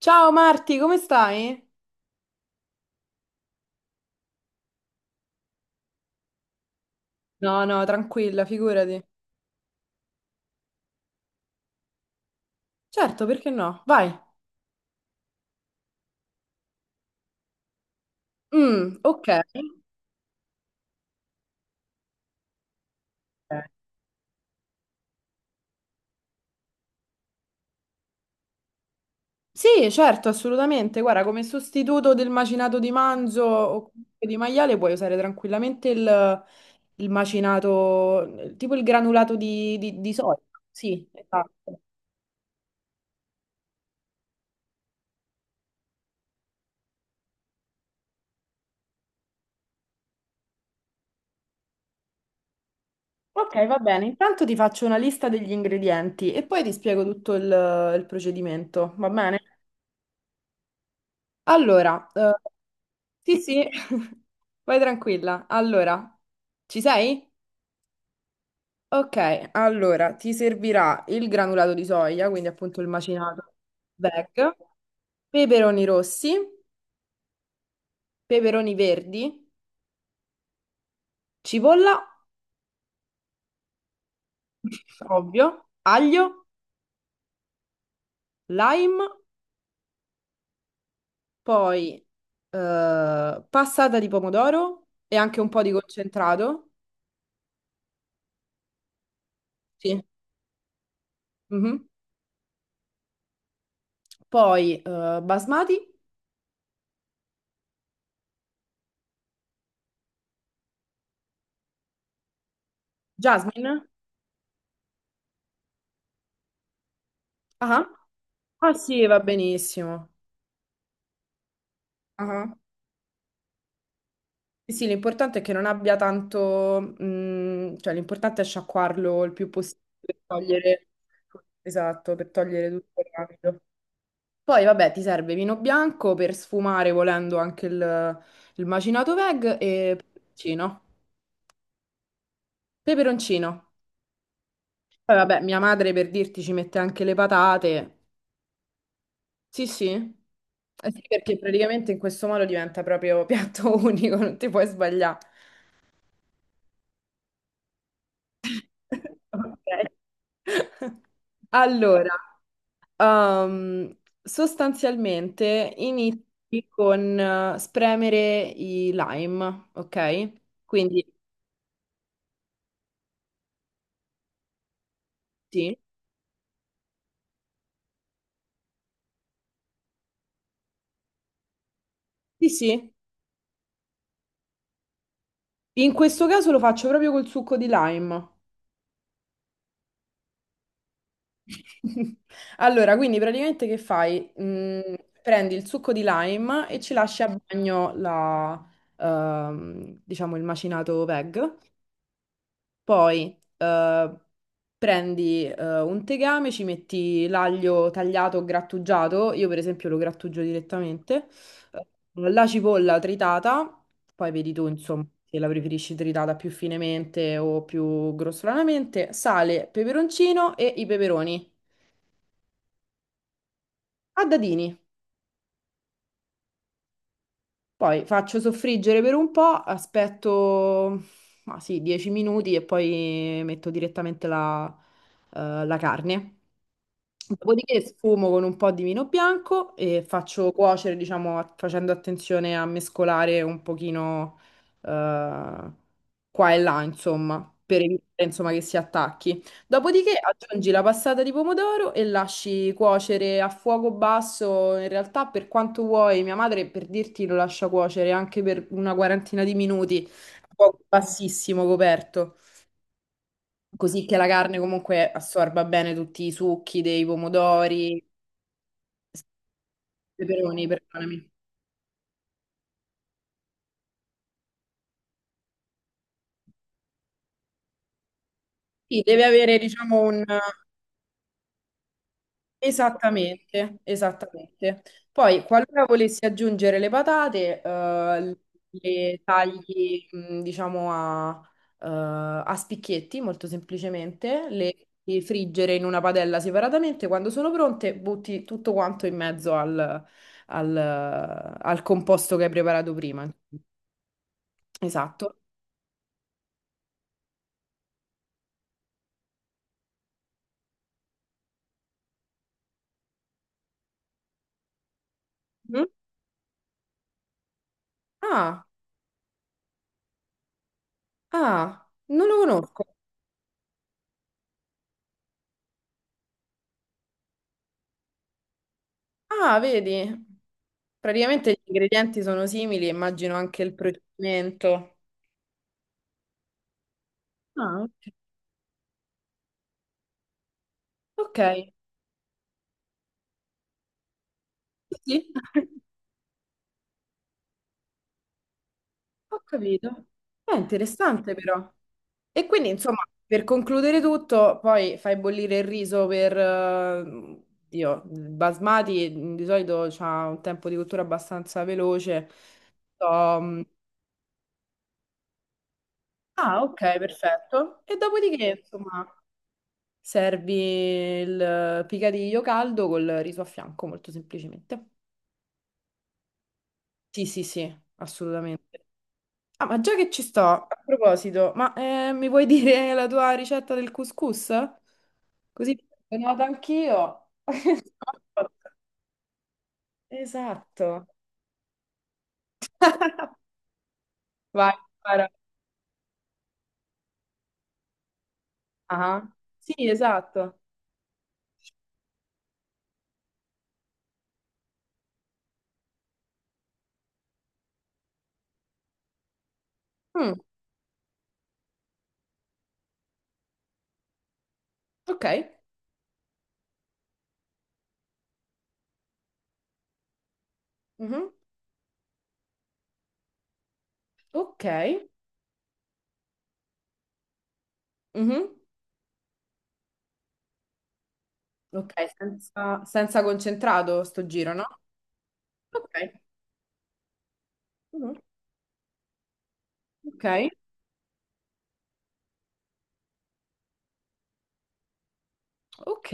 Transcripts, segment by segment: Ciao Marti, come stai? No, no, tranquilla, figurati. Certo, perché no? Vai. Mm, ok. Ok. Sì, certo, assolutamente. Guarda, come sostituto del macinato di manzo o comunque di maiale puoi usare tranquillamente il macinato, tipo il granulato di soia. Sì, esatto. Ok, va bene. Intanto ti faccio una lista degli ingredienti e poi ti spiego tutto il procedimento, va bene? Allora, sì, sì, vai tranquilla. Allora, ci sei? Ok, allora ti servirà il granulato di soia, quindi appunto il macinato bag, peperoni rossi, peperoni verdi, cipolla, ovvio, aglio, lime, poi passata di pomodoro e anche un po' di concentrato. Sì. Mhm. Poi basmati, jasmine. Ah. Ah sì, va benissimo. Ah, sì, sì, l'importante è che non abbia tanto, cioè l'importante è sciacquarlo il più possibile per togliere, esatto, per togliere tutto il rapido. Poi vabbè, ti serve vino bianco per sfumare volendo anche il macinato veg e peperoncino. Peperoncino. Poi vabbè, mia madre per dirti ci mette anche le patate. Sì, sì. Eh sì, perché praticamente in questo modo diventa proprio piatto unico, non ti puoi sbagliare. Ok. Allora, ehm, sostanzialmente inizi con spremere i lime, ok? Quindi sì, sì, sì. In questo caso lo faccio proprio col succo di lime. Allora, quindi praticamente che fai? Prendi il succo di lime e ci lasci a bagno diciamo, il macinato veg. Poi prendi un tegame, ci metti l'aglio tagliato o grattugiato, io per esempio lo grattugio direttamente, eh, la cipolla tritata, poi vedi tu insomma se la preferisci tritata più finemente o più grossolanamente, sale, peperoncino e i peperoni a dadini. Poi faccio soffriggere per un po', aspetto ma sì, 10 minuti e poi metto direttamente la carne. Dopodiché sfumo con un po' di vino bianco e faccio cuocere, diciamo, facendo attenzione a mescolare un pochino eh, qua e là, insomma, per evitare, insomma, che si attacchi. Dopodiché aggiungi la passata di pomodoro e lasci cuocere a fuoco basso, in realtà per quanto vuoi, mia madre per dirti lo lascia cuocere anche per una quarantina di minuti, a fuoco bassissimo coperto così che la carne comunque assorba bene tutti i succhi dei pomodori. Peperoni, perdonami. Sì, deve avere, diciamo, un. Esattamente, esattamente. Poi, qualora volessi aggiungere le patate, le tagli, diciamo, eh, a spicchietti, molto semplicemente, le friggere in una padella separatamente. Quando sono pronte, butti tutto quanto in mezzo al- al composto che hai preparato prima. Esatto. Mm? Ah, ah, non lo conosco. Ah, vedi? Praticamente gli ingredienti sono simili, immagino anche il procedimento. Ah, ok. Ok. Sì, sì. Ho capito. È interessante però. E quindi, insomma, per concludere tutto, poi fai bollire il riso per Dio, il basmati di solito ha un tempo di cottura abbastanza veloce. So, ah, ok, perfetto. E dopodiché, insomma, servi il picadiglio caldo col riso a fianco, molto semplicemente. Sì, sì, sì, assolutamente. Ah, ma già che ci sto, a proposito, ma mi vuoi dire la tua ricetta del couscous? Così lo noto anch'io. Esatto. Vai, spara. Ah, sì, esatto. Mm, ok. Mhm. Ok. Mhm. Ok, senza concentrato sto giro, no? Ok. Mhm. Ok, ok,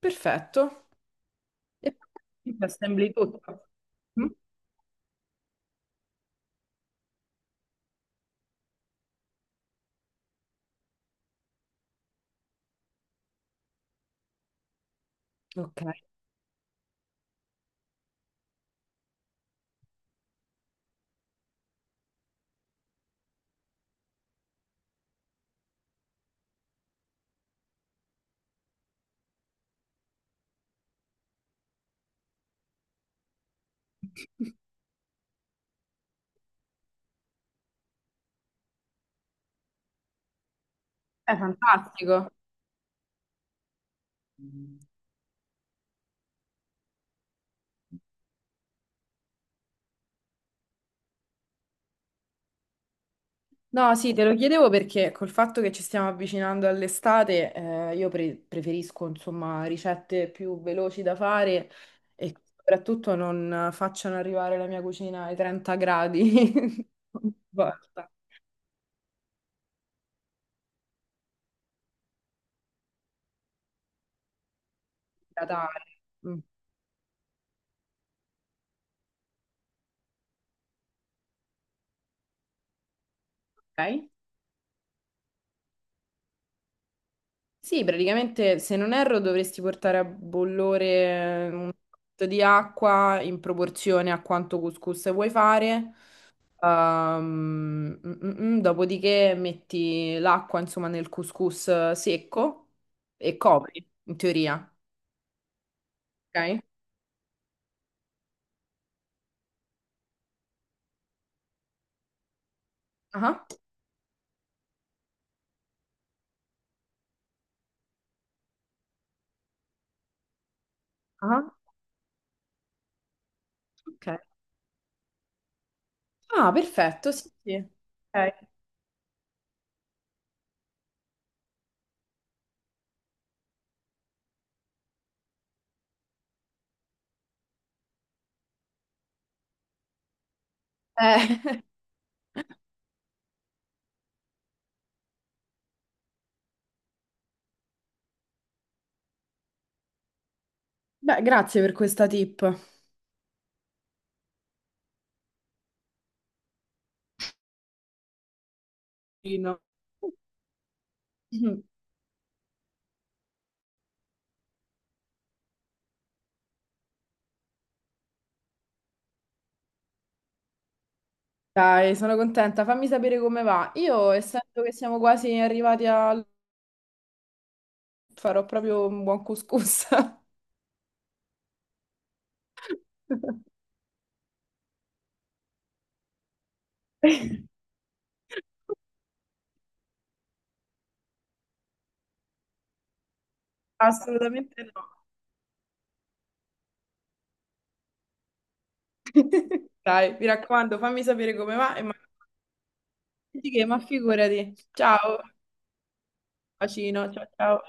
perfetto. E poi assembli tutto. Mm? Ok. È fantastico. No, sì, te lo chiedevo perché col fatto che ci stiamo avvicinando all'estate, io preferisco, insomma, ricette più veloci da fare e che soprattutto non facciano arrivare la mia cucina ai 30 gradi. Ogni volta da dare. Mm, ok. Sì, praticamente, se non erro, dovresti portare a bollore un po' di acqua in proporzione a quanto couscous vuoi fare. Ehm, mm, mm, dopodiché metti l'acqua, insomma, nel couscous secco e copri, in teoria. Ok? Ah, ah, ok. Ah, perfetto, sì, sì. Ok. Beh, grazie per questa tip. Fino. Dai, sono contenta. Fammi sapere come va. Io, essendo che siamo quasi arrivati farò proprio un buon couscous. Assolutamente no. Dai, mi raccomando, fammi sapere come va e magari che, ma figurati. Ciao, bacino, ciao ciao.